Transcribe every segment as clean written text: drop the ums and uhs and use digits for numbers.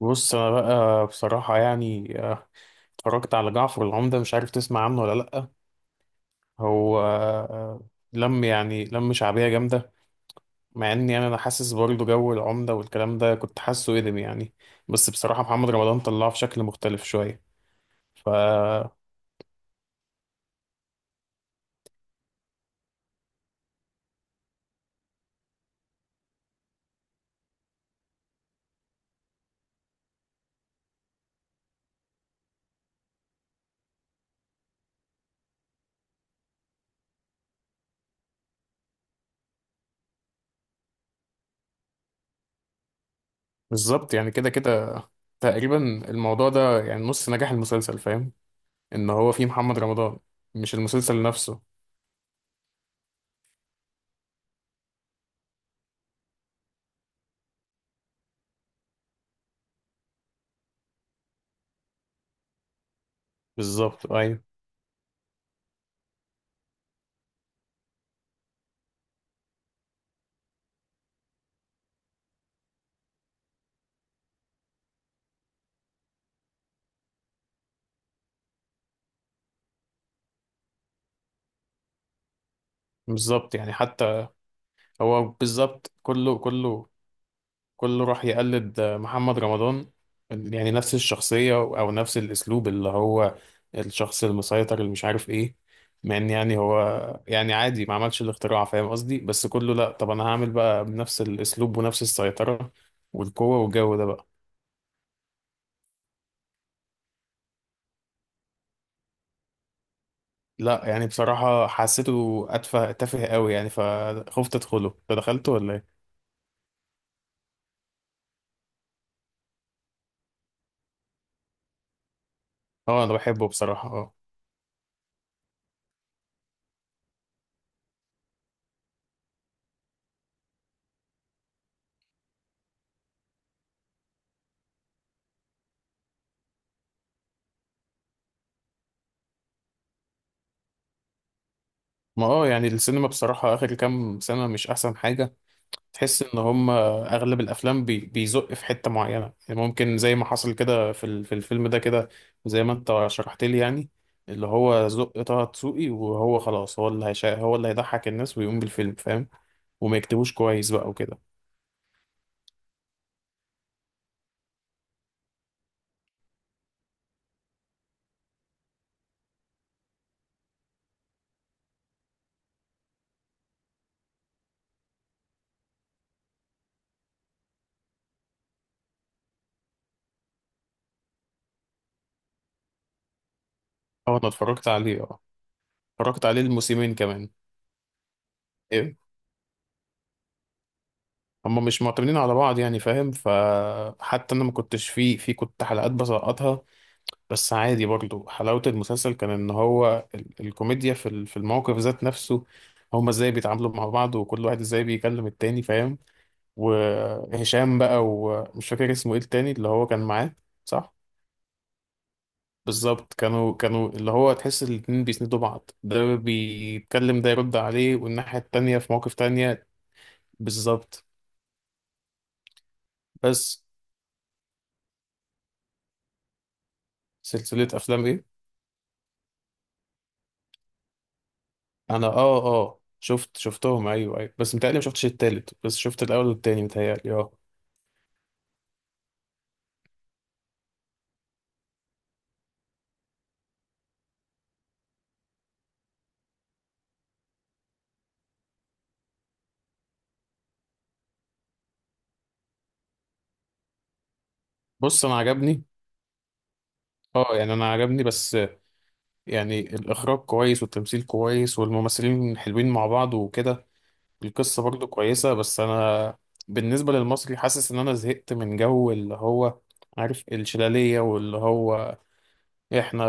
بص، انا بقى بصراحة يعني اتفرجت على جعفر العمدة. مش عارف تسمع عنه ولا لأ؟ هو لم شعبية جامدة، مع اني يعني انا حاسس برضه جو العمدة والكلام ده كنت حاسه قدم يعني. بس بصراحة محمد رمضان طلعه في شكل مختلف شوية. ف بالظبط، يعني كده كده تقريبا. الموضوع ده يعني نص نجاح المسلسل، فاهم؟ ان هو فيه محمد رمضان، مش المسلسل نفسه. بالظبط، ايوه. بالظبط يعني حتى هو بالظبط، كله راح يقلد محمد رمضان. يعني نفس الشخصية أو نفس الأسلوب، اللي هو الشخص المسيطر اللي مش عارف إيه. مع إن يعني هو يعني عادي، ما عملش الاختراع، فاهم قصدي؟ بس كله لأ، طب أنا هعمل بقى بنفس الأسلوب ونفس السيطرة والقوة والجو ده بقى. لأ، يعني بصراحة حسيته تافه قوي يعني، فخفت أدخله. أنت دخلته ولا إيه؟ أه، أنا بحبه بصراحة، أه. ما يعني السينما بصراحة آخر كام سنة مش أحسن حاجة. تحس ان هم اغلب الافلام بيزق في حته معينه، يعني ممكن زي ما حصل كده في الفيلم ده كده، زي ما انت شرحت لي يعني. اللي هو زق طه دسوقي وهو خلاص، هو اللي هيضحك الناس ويقوم بالفيلم، فاهم؟ وما يكتبوش كويس بقى وكده. اه، انا اتفرجت عليه، اه. اتفرجت عليه الموسمين كمان. ايه، هم مش معتمدين على بعض يعني، فاهم؟ فحتى انا ما كنتش فيه في كنت حلقات بسقطها. بس عادي برضو، حلاوة المسلسل كان ان هو الكوميديا في الموقف ذات نفسه، هما ازاي بيتعاملوا مع بعض وكل واحد ازاي بيكلم التاني، فاهم؟ وهشام بقى، ومش فاكر اسمه ايه التاني اللي هو كان معاه. صح، بالظبط. كانوا اللي هو تحس الاتنين بيسندوا بعض، ده بيتكلم ده يرد عليه، والناحية التانية في مواقف تانية. بالظبط، بس. سلسلة افلام ايه؟ انا، اه، اه، شفتهم ايوه ايوه، بس متهيألي ما شفتش التالت، بس شفت الاول والتاني متهيألي، اه. بص انا عجبني، اه، يعني انا عجبني. بس يعني الاخراج كويس والتمثيل كويس والممثلين حلوين مع بعض وكده. القصه برضو كويسه، بس انا بالنسبه للمصري حاسس ان انا زهقت من جو اللي هو، عارف، الشلاليه، واللي هو احنا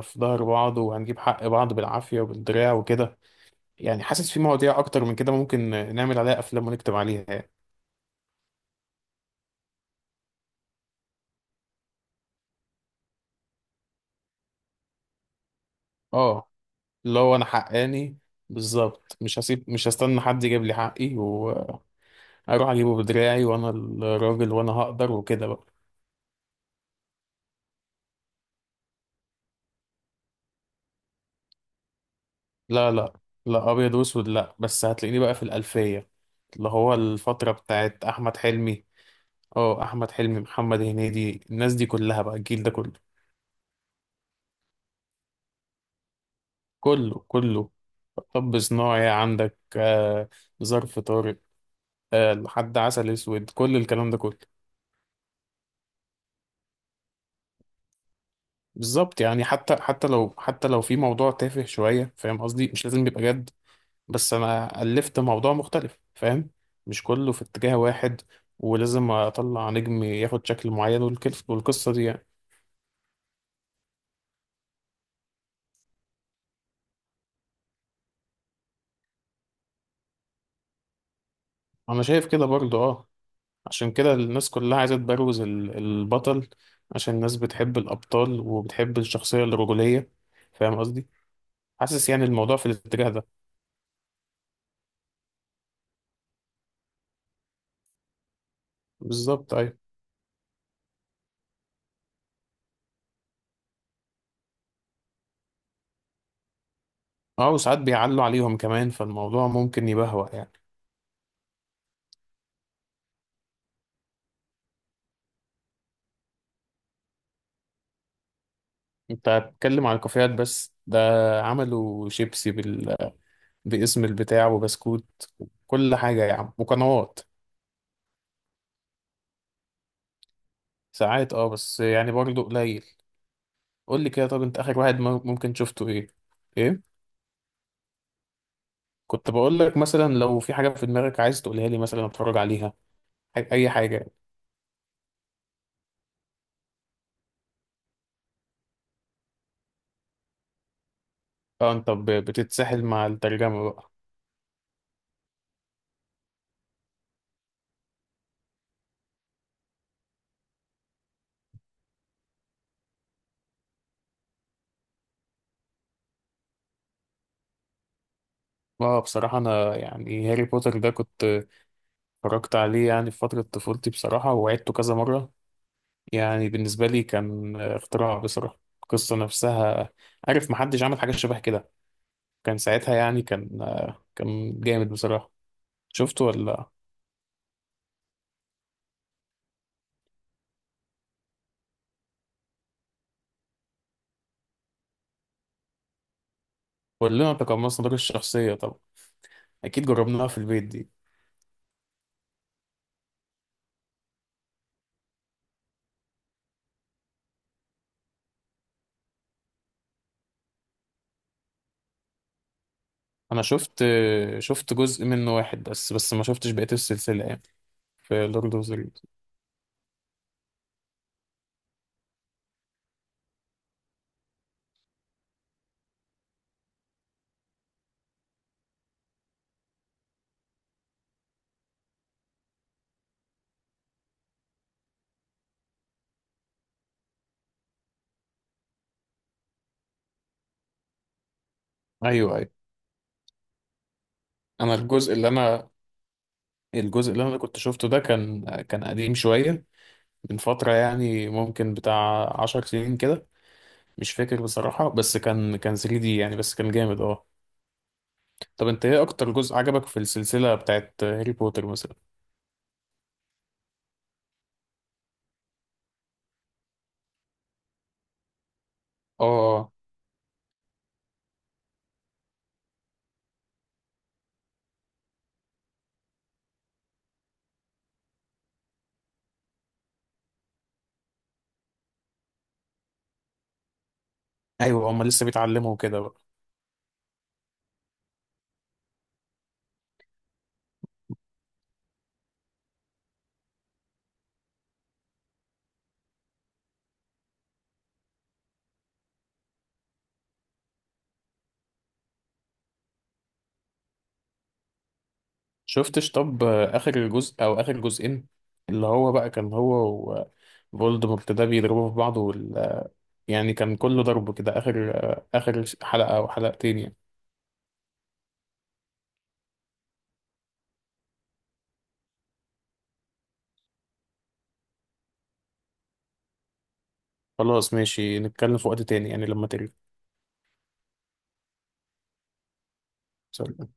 في ظهر بعض وهنجيب حق بعض بالعافيه وبالدراع وكده. يعني حاسس في مواضيع اكتر من كده ممكن نعمل عليها افلام ونكتب عليها يعني. اه، اللي هو انا حقاني، بالظبط. مش هسيب، مش هستنى حد يجيب لي حقي. اروح اجيبه بدراعي، وانا الراجل وانا هقدر وكده بقى. لا، لا. لا، ابيض واسود لا، بس هتلاقيني بقى في الالفيه، اللي هو الفتره بتاعت احمد حلمي. اه، احمد حلمي، محمد هنيدي، الناس دي كلها بقى، الجيل ده كله. كله طب صناعي عندك، آه، ظرف طارق، آه، لحد عسل اسود، كل الكلام ده كله. بالظبط، يعني حتى لو في موضوع تافه شويه، فاهم قصدي، مش لازم يبقى جد. بس انا الفت موضوع مختلف، فاهم؟ مش كله في اتجاه واحد، ولازم اطلع نجم ياخد شكل معين والقصه دي يعني. انا شايف كده برضو، اه. عشان كده الناس كلها عايزه تبروز البطل، عشان الناس بتحب الابطال وبتحب الشخصيه الرجوليه، فاهم قصدي؟ حاسس يعني الموضوع في الاتجاه ده. بالظبط، ايوه. اه، وساعات بيعلوا عليهم كمان، فالموضوع ممكن يبهوأ يعني. انت بتتكلم عن الكافيهات بس؟ ده عملوا شيبسي باسم البتاع وبسكوت. كل حاجة يا عم، وقنوات. ساعات اه، بس يعني برضه قليل. قول لي كده، طب انت اخر واحد ممكن شفته ايه؟ ايه؟ كنت بقول لك مثلا لو في حاجة في دماغك عايز تقولها لي مثلا اتفرج عليها، اي حاجة. اه، انت بتتسحل مع الترجمة بقى. اه، بصراحة انا يعني هاري بوتر ده كنت اتفرجت عليه يعني في فترة طفولتي بصراحة، وعدته كذا مرة. يعني بالنسبة لي كان اختراع بصراحة، القصة نفسها، عارف، محدش عمل حاجة شبه كده. كان ساعتها يعني، كان جامد بصراحة. شفت ولا؟ كلنا تقمصنا دور الشخصية طبعا. أكيد جربناها في البيت دي. أنا شفت جزء منه واحد بس ما شفتش بقية السلسلة يعني. في لورد أوف ذا رينجز؟ أيوه، أيوه. أنا الجزء اللي أنا الجزء اللي أنا كنت شفته ده كان قديم شوية، من فترة يعني، ممكن بتاع 10 سنين كده، مش فاكر بصراحة. بس كان 3D يعني، بس كان جامد أه. طب أنت إيه أكتر جزء عجبك في السلسلة بتاعت هاري بوتر مثلا؟ أه، آه. أيوه، هما لسه بيتعلموا كده؟ شفتش؟ طب، اخر جزء او اخر جزئين، اللي هو بقى كان هو وفولدمورت ده بيضربوا في بعض يعني كان كله ضرب كده، اخر حلقة او حلقتين يعني. خلاص ماشي، نتكلم في وقت تاني يعني لما ترجع. سلام.